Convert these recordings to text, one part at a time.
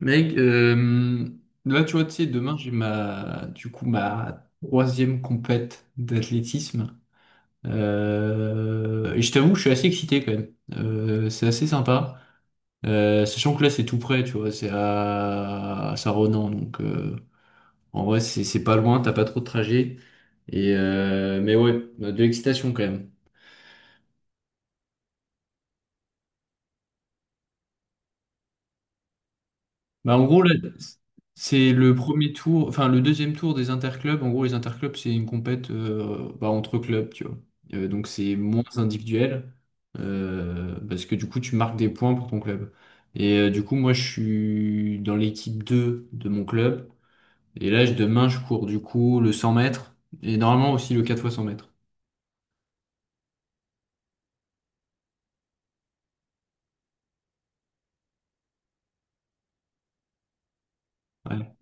Mec, là, tu vois, tu sais, demain, j'ai du coup, ma troisième compète d'athlétisme. Et je t'avoue que je suis assez excité quand même. C'est assez sympa. Sachant que là, c'est tout près, tu vois, c'est à Saint-Ronan. Donc, en vrai, c'est pas loin, t'as pas trop de trajet. Mais ouais, de l'excitation quand même. Bah, en gros, là, c'est le premier tour, enfin le deuxième tour des interclubs. En gros, les interclubs, c'est une compète, bah, entre clubs, tu vois. Donc c'est moins individuel, parce que du coup, tu marques des points pour ton club. Et du coup, moi, je suis dans l'équipe 2 de mon club. Et là, demain, je cours du coup le 100 mètres, et normalement aussi le 4 fois 100 mètres. Ouais,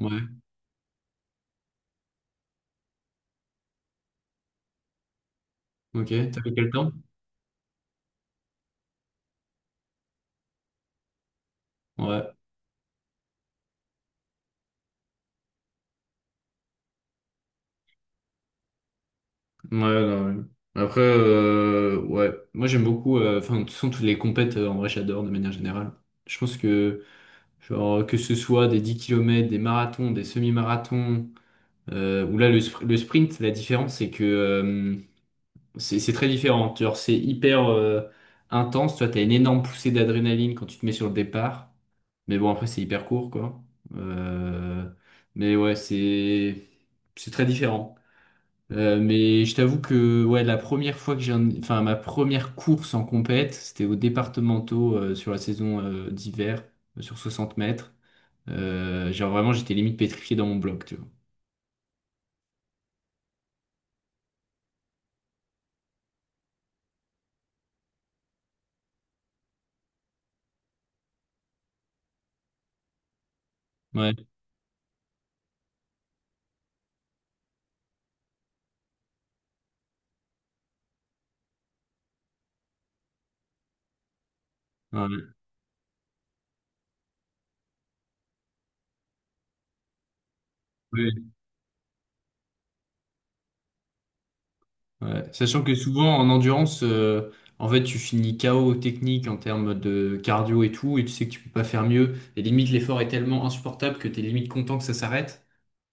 ouais, ok. T'as fait quel temps? Ouais. Ouais, non, ouais. Après, ouais, moi j'aime beaucoup, enfin, de toute façon, toutes les compètes, en vrai, j'adore de manière générale. Je pense que, genre, que ce soit des 10 kilomètres, des marathons, des semi-marathons, ou là, le sprint, la différence, c'est que c'est très différent. Genre, c'est hyper intense. Toi, t'as une énorme poussée d'adrénaline quand tu te mets sur le départ. Mais bon, après, c'est hyper court, quoi. Euh, mais ouais, c'est très différent. Mais je t'avoue que ouais, la première fois que enfin ma première course en compète, c'était aux départementaux, sur la saison d'hiver, sur 60 mètres. Genre vraiment, j'étais limite pétrifié dans mon bloc, tu vois. Ouais. Ouais. Ouais. Ouais. Sachant que souvent en endurance, en fait, tu finis KO technique en termes de cardio et tout, et tu sais que tu peux pas faire mieux. Et limite, l'effort est tellement insupportable que t'es limite content que ça s'arrête.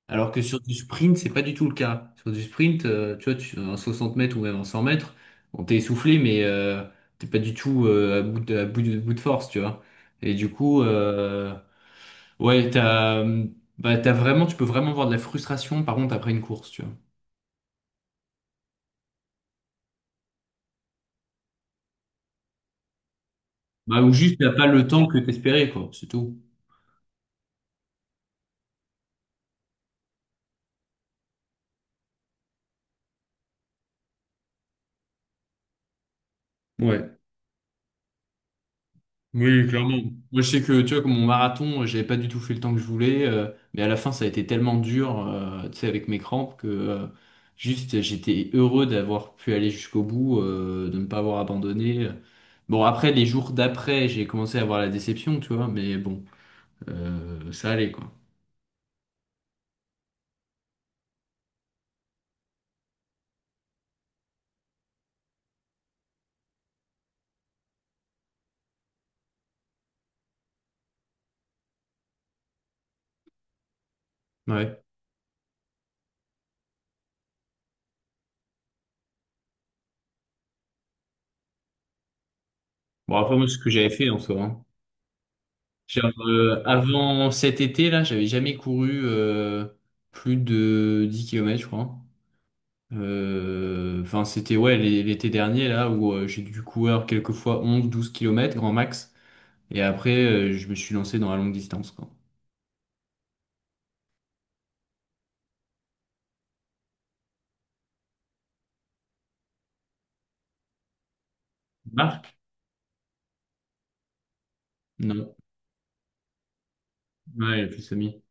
Alors que sur du sprint, c'est pas du tout le cas. Sur du sprint, tu vois, en 60 mètres ou même en 100 mètres, on t'est essoufflé, mais t'es pas du tout à bout de force, tu vois. Et du coup, ouais, bah, t'as vraiment, tu peux vraiment avoir de la frustration, par contre, après une course, tu vois. Bah, ou juste, t'as pas le temps que t'espérais, quoi, c'est tout. Ouais. Oui, clairement. Moi, je sais que, tu vois, comme mon marathon, j'avais pas du tout fait le temps que je voulais, mais à la fin, ça a été tellement dur, tu sais, avec mes crampes, que juste, j'étais heureux d'avoir pu aller jusqu'au bout, de ne pas avoir abandonné. Bon, après, les jours d'après, j'ai commencé à avoir la déception, tu vois, mais bon, ça allait, quoi. Ouais. Bon, après, moi, c'est ce que j'avais fait en soi, hein. Genre, avant cet été, là, j'avais jamais couru plus de 10 kilomètres, je crois. Enfin, c'était ouais l'été dernier là où j'ai dû courir quelquefois 11, 12 kilomètres, grand max. Et après, je me suis lancé dans la longue distance, quoi. Marc? Non. Ouais, elle a plus ami.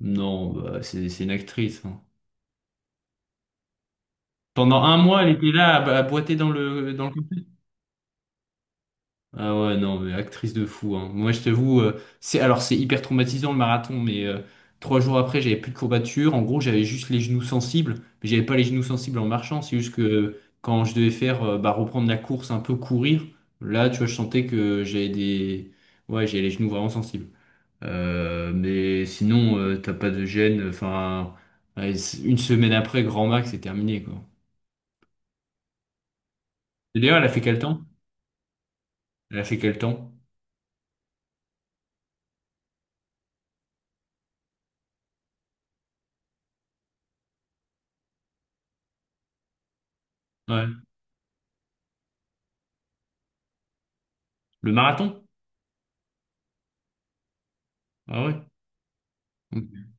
Non, bah, c'est une actrice, hein. Pendant un mois, elle était là à boiter dans le Ah ouais, non, mais actrice de fou, hein. Moi, je t'avoue, alors, c'est hyper traumatisant le marathon, mais 3 jours après, j'avais plus de courbatures. En gros, j'avais juste les genoux sensibles, mais j'avais pas les genoux sensibles en marchant. C'est juste que quand je devais faire, bah, reprendre la course, un peu courir, là, tu vois, je sentais que j'avais des, ouais, j'avais les genoux vraiment sensibles. Mais sinon, t'as pas de gêne. Enfin, ouais, une semaine après, grand max, c'est terminé, quoi. Et d'ailleurs, elle a fait quel temps? Elle a fait quel temps? Ouais. Le marathon? Ah ouais. Ok.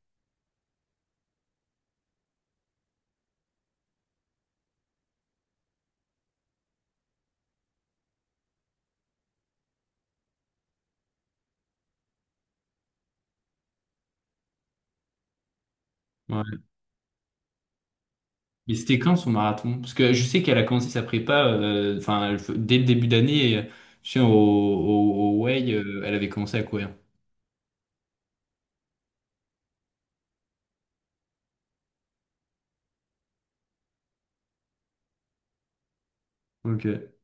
Ouais. Mais c'était quand son marathon? Parce que je sais qu'elle a commencé sa prépa, enfin, dès le début d'année, je sais, au Way, elle avait commencé à courir. Ok, ouais.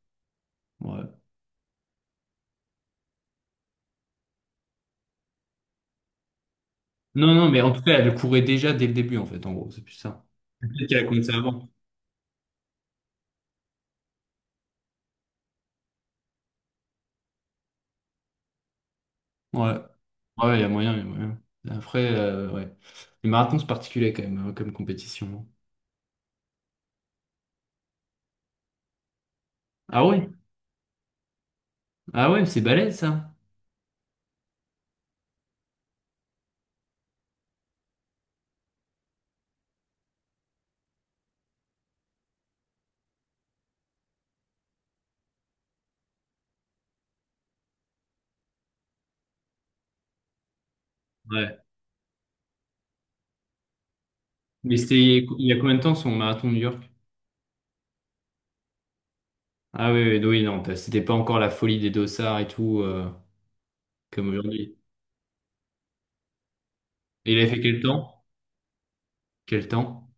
Non, non, mais en tout cas, elle courait déjà dès le début, en fait, en gros, c'est plus ça. Peut-être qu'elle a commencé avant. Ouais, ouais, il y a moyen, il y a moyen. Après, ouais. Les marathons, c'est particulier quand même, hein, comme compétition. Ah ouais? Ah ouais, c'est balèze, ça. Ouais. Mais c'était il y a combien de temps son marathon de New York? Ah oui, oui, oui, non, c'était pas encore la folie des dossards et tout, comme aujourd'hui. Et il avait fait quel temps? Quel temps?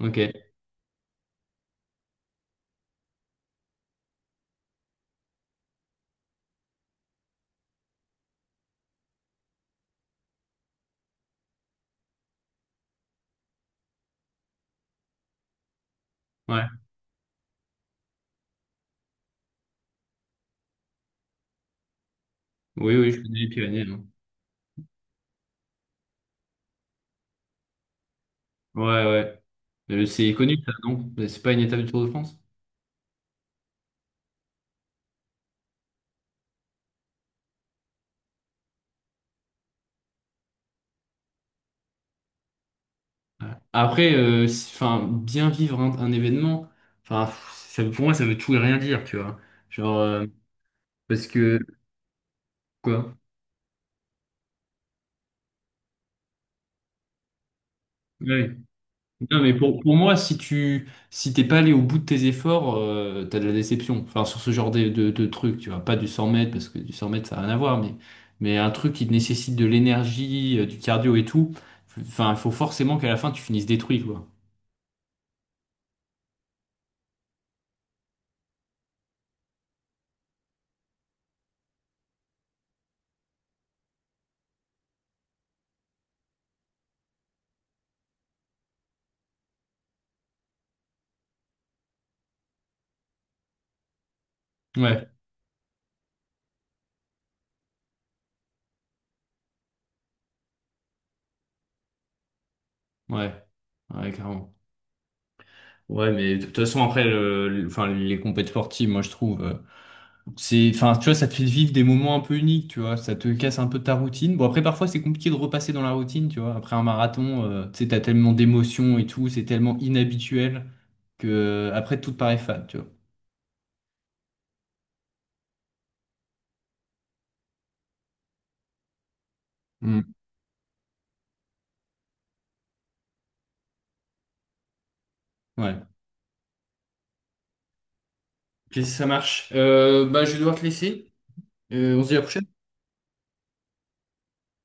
Ok. Ouais. Oui, oui, je connais les Pyrénées, non. Ouais, ouais. C'est connu, ça, non? C'est pas une étape du Tour de France? Ouais. Après, enfin, bien vivre un événement, enfin, pff, pour moi, ça veut tout et rien dire, tu vois. Genre, parce que, quoi? Oui. Non, mais pour moi, si t'es pas allé au bout de tes efforts, t'as de la déception. Enfin, sur ce genre de truc, tu vois, pas du 100 mètres, parce que du 100 mètres, ça n'a rien à voir, mais un truc qui te nécessite de l'énergie, du cardio et tout, enfin, il faut forcément qu'à la fin, tu finisses détruit, quoi. Ouais, ouais, ouais, clairement. Ouais, mais de toute façon, après, enfin, les compétitions sportives, moi, je trouve. C'est, enfin, tu vois, ça te fait vivre des moments un peu uniques, tu vois. Ça te casse un peu ta routine. Bon, après, parfois, c'est compliqué de repasser dans la routine, tu vois. Après un marathon, tu sais, t'as tellement d'émotions et tout, c'est tellement inhabituel que après, tout te paraît fade, tu vois. Hmm. Ouais. Ok, ça marche. Je vais devoir te laisser. On se dit à la prochaine.